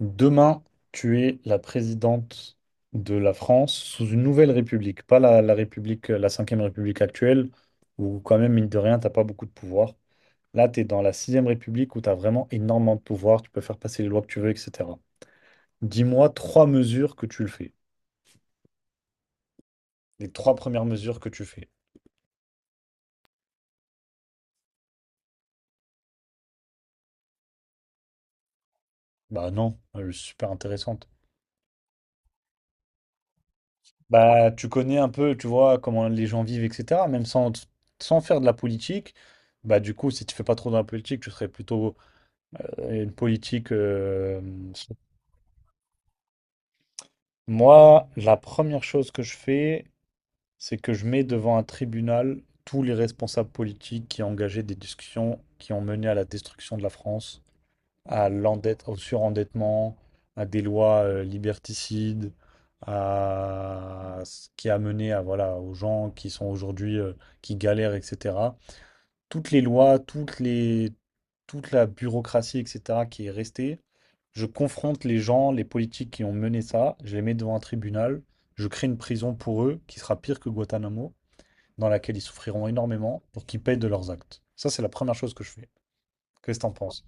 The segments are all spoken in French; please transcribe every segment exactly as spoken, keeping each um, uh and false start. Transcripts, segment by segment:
Demain, tu es la présidente de la France sous une nouvelle république, pas la, la République, la cinquième République actuelle, où quand même, mine de rien, t'as pas beaucoup de pouvoir. Là, tu es dans la sixième République où tu as vraiment énormément de pouvoir, tu peux faire passer les lois que tu veux, et cetera. Dis-moi trois mesures que tu le fais. Les trois premières mesures que tu fais. Bah non, euh, super intéressante. Bah tu connais un peu, tu vois, comment les gens vivent, et cetera. Même sans, sans faire de la politique, bah du coup, si tu fais pas trop de la politique, tu serais plutôt une politique. euh, Moi, la première chose que je fais, c'est que je mets devant un tribunal tous les responsables politiques qui ont engagé des discussions qui ont mené à la destruction de la France, à l'endette, au surendettement, à des lois euh, liberticides, à ce qui a mené à voilà aux gens qui sont aujourd'hui euh, qui galèrent, et cetera Toutes les lois, toutes les, toute la bureaucratie, et cetera, qui est restée. Je confronte les gens, les politiques qui ont mené ça, je les mets devant un tribunal, je crée une prison pour eux qui sera pire que Guantanamo, dans laquelle ils souffriront énormément pour qu'ils payent de leurs actes. Ça, c'est la première chose que je fais. Qu'est-ce que t'en penses?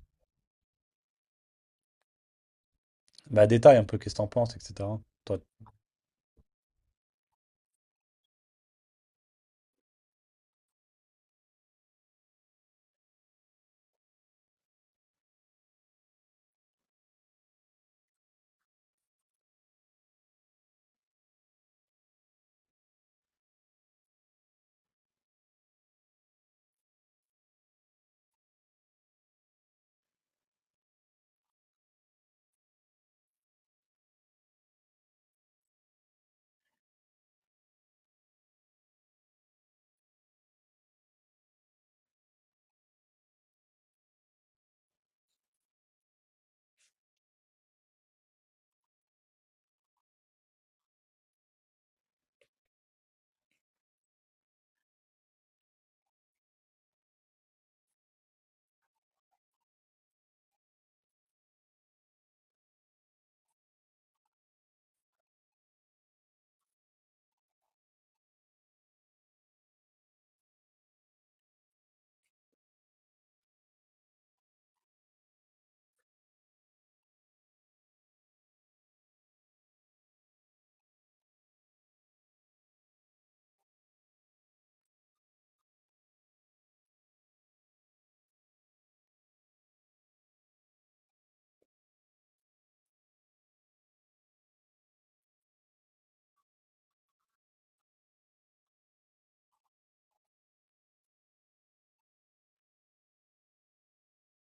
Bah, détaille un peu qu'est-ce que t'en penses, et cetera. Toi,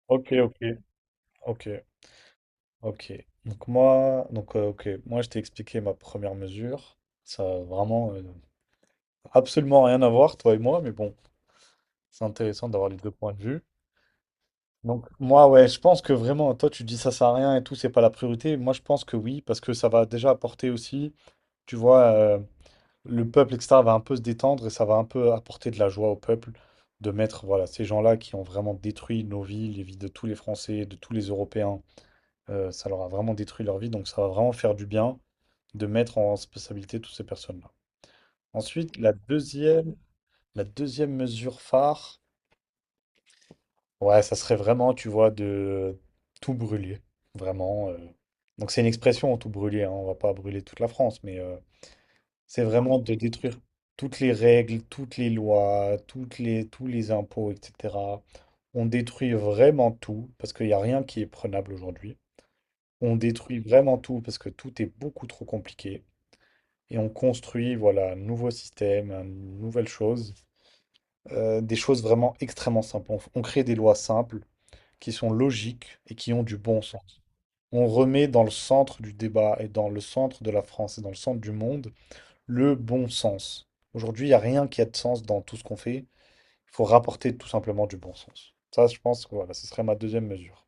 ok, ok, ok. Ok, donc moi, donc, euh, ok, moi je t'ai expliqué ma première mesure. Ça a vraiment euh, absolument rien à voir, toi et moi, mais bon, c'est intéressant d'avoir les deux points de vue. Donc moi, ouais, je pense que vraiment, toi tu dis ça sert à rien et tout, c'est pas la priorité. Moi je pense que oui, parce que ça va déjà apporter aussi, tu vois, euh, le peuple, et cetera, va un peu se détendre et ça va un peu apporter de la joie au peuple de mettre, voilà, ces gens-là qui ont vraiment détruit nos vies, les vies de tous les Français, de tous les Européens. Euh, ça leur a vraiment détruit leur vie, donc ça va vraiment faire du bien de mettre en responsabilité toutes ces personnes-là. Ensuite, la deuxième, la deuxième mesure phare, ouais, ça serait vraiment, tu vois, de tout brûler, vraiment. euh. Donc c'est une expression, tout brûler, hein, on va pas brûler toute la France, mais euh, c'est vraiment de détruire toutes les règles, toutes les lois, toutes les, tous les impôts, et cetera. On détruit vraiment tout, parce qu'il n'y a rien qui est prenable aujourd'hui. On détruit vraiment tout, parce que tout est beaucoup trop compliqué. Et on construit voilà, un nouveau système, une nouvelle chose, euh, des choses vraiment extrêmement simples. On, on crée des lois simples qui sont logiques et qui ont du bon sens. On remet dans le centre du débat et dans le centre de la France et dans le centre du monde le bon sens. Aujourd'hui, il n'y a rien qui a de sens dans tout ce qu'on fait. Il faut rapporter tout simplement du bon sens. Ça, je pense que voilà, ce serait ma deuxième mesure.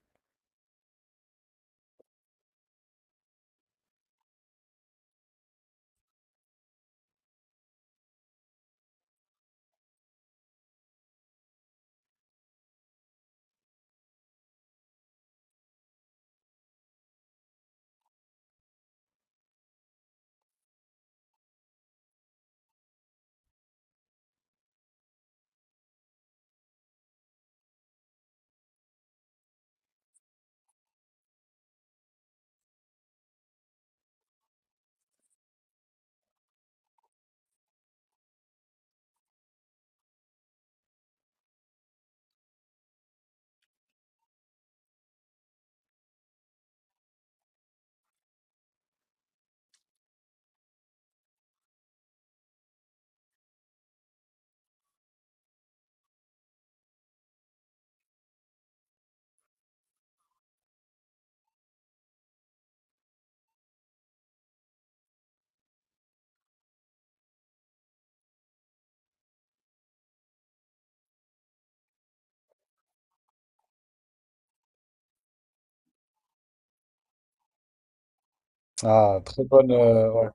Ah, très bonne. euh, ouais.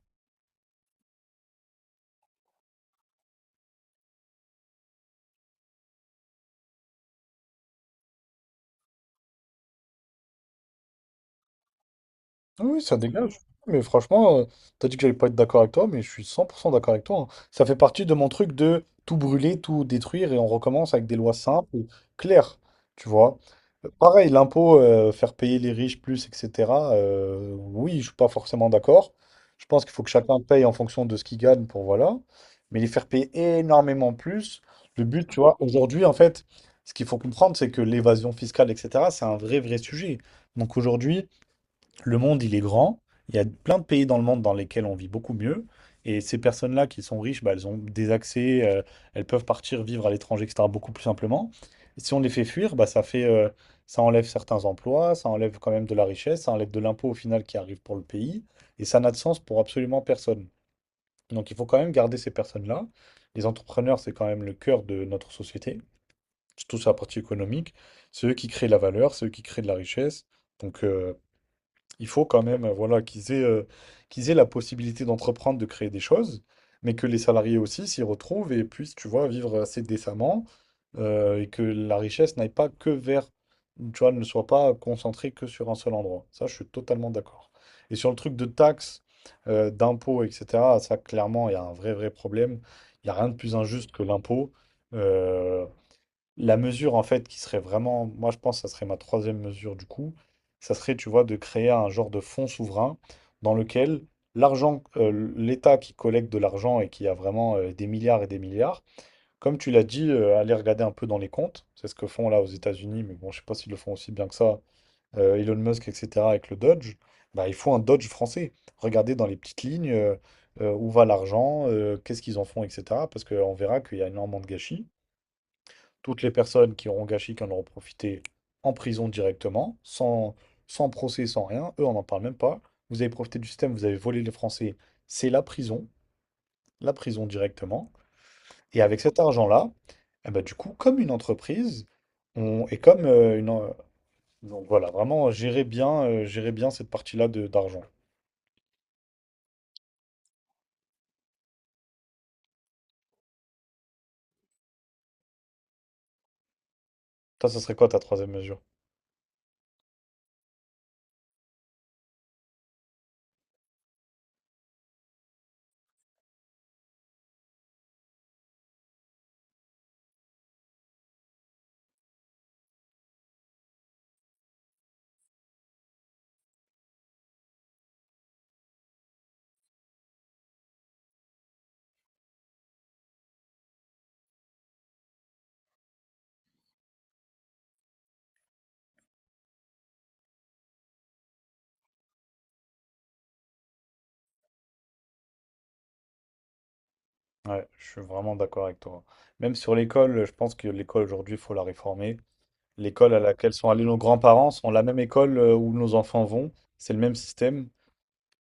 Oui, ça dégage. Mais franchement, euh, t'as dit que j'allais pas être d'accord avec toi, mais je suis cent pour cent d'accord avec toi. Hein. Ça fait partie de mon truc de tout brûler, tout détruire, et on recommence avec des lois simples, claires, tu vois. Euh, Pareil, l'impôt, euh, faire payer les riches plus, et cetera euh, Oui, je suis pas forcément d'accord. Je pense qu'il faut que chacun paye en fonction de ce qu'il gagne pour voilà. Mais les faire payer énormément plus, le but, tu vois, aujourd'hui, en fait, ce qu'il faut comprendre, c'est que l'évasion fiscale, et cetera, c'est un vrai, vrai sujet. Donc aujourd'hui, le monde, il est grand. Il y a plein de pays dans le monde dans lesquels on vit beaucoup mieux. Et ces personnes-là qui sont riches, bah, elles ont des accès, euh, elles peuvent partir vivre à l'étranger, et cetera, beaucoup plus simplement. Et si on les fait fuir, bah, ça fait, euh, ça enlève certains emplois, ça enlève quand même de la richesse, ça enlève de l'impôt au final qui arrive pour le pays. Et ça n'a de sens pour absolument personne. Donc il faut quand même garder ces personnes-là. Les entrepreneurs, c'est quand même le cœur de notre société, surtout sur la partie économique. C'est eux qui créent la valeur, c'est eux qui créent de la richesse. Donc, euh, il faut quand même, euh, voilà, qu'ils aient, euh, qu'ils aient la possibilité d'entreprendre, de créer des choses, mais que les salariés aussi s'y retrouvent et puissent, tu vois, vivre assez décemment euh, et que la richesse n'aille pas que vers, tu vois, ne soit pas concentrée que sur un seul endroit. Ça, je suis totalement d'accord. Et sur le truc de taxes, euh, d'impôts, et cetera, ça, clairement, il y a un vrai, vrai problème. Il n'y a rien de plus injuste que l'impôt. Euh, la mesure, en fait, qui serait vraiment, moi je pense que ça serait ma troisième mesure du coup, ça serait, tu vois, de créer un genre de fonds souverain dans lequel l'argent, euh, l'État qui collecte de l'argent et qui a vraiment euh, des milliards et des milliards, comme tu l'as dit, euh, allez regarder un peu dans les comptes, c'est ce que font là aux États-Unis, mais bon, je sais pas s'ils le font aussi bien que ça, euh, Elon Musk, et cetera, avec le Dodge, bah, il faut un Dodge français. Regardez dans les petites lignes euh, euh, où va l'argent, euh, qu'est-ce qu'ils en font, et cetera, parce qu'on verra qu'il y a énormément de gâchis. Toutes les personnes qui auront gâché, qui en auront profité en prison directement, sans, sans procès, sans rien. Eux, on n'en parle même pas. Vous avez profité du système, vous avez volé les Français, c'est la prison, la prison directement. Et avec cet argent-là, eh ben, du coup, comme une entreprise, on, et comme euh, une. En- Donc voilà, vraiment, gérer bien, euh, gérer bien cette partie-là de d'argent. Toi, ce serait quoi ta troisième mesure? Ouais, je suis vraiment d'accord avec toi. Même sur l'école, je pense que l'école aujourd'hui, il faut la réformer. L'école à laquelle sont allés nos grands-parents sont la même école euh, où nos enfants vont. C'est le même système.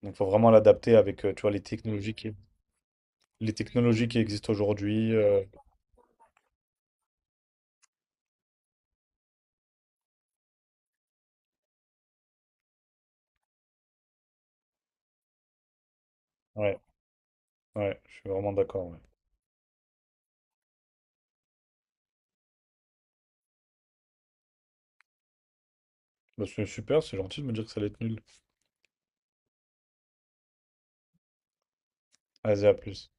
Donc, il faut vraiment l'adapter avec, euh, tu vois, les technologies qui, les technologies qui existent aujourd'hui. euh, Ouais, ouais, je suis vraiment d'accord. Ouais. Bah, c'est super, c'est gentil de me dire que ça allait être nul. Vas-y, à plus.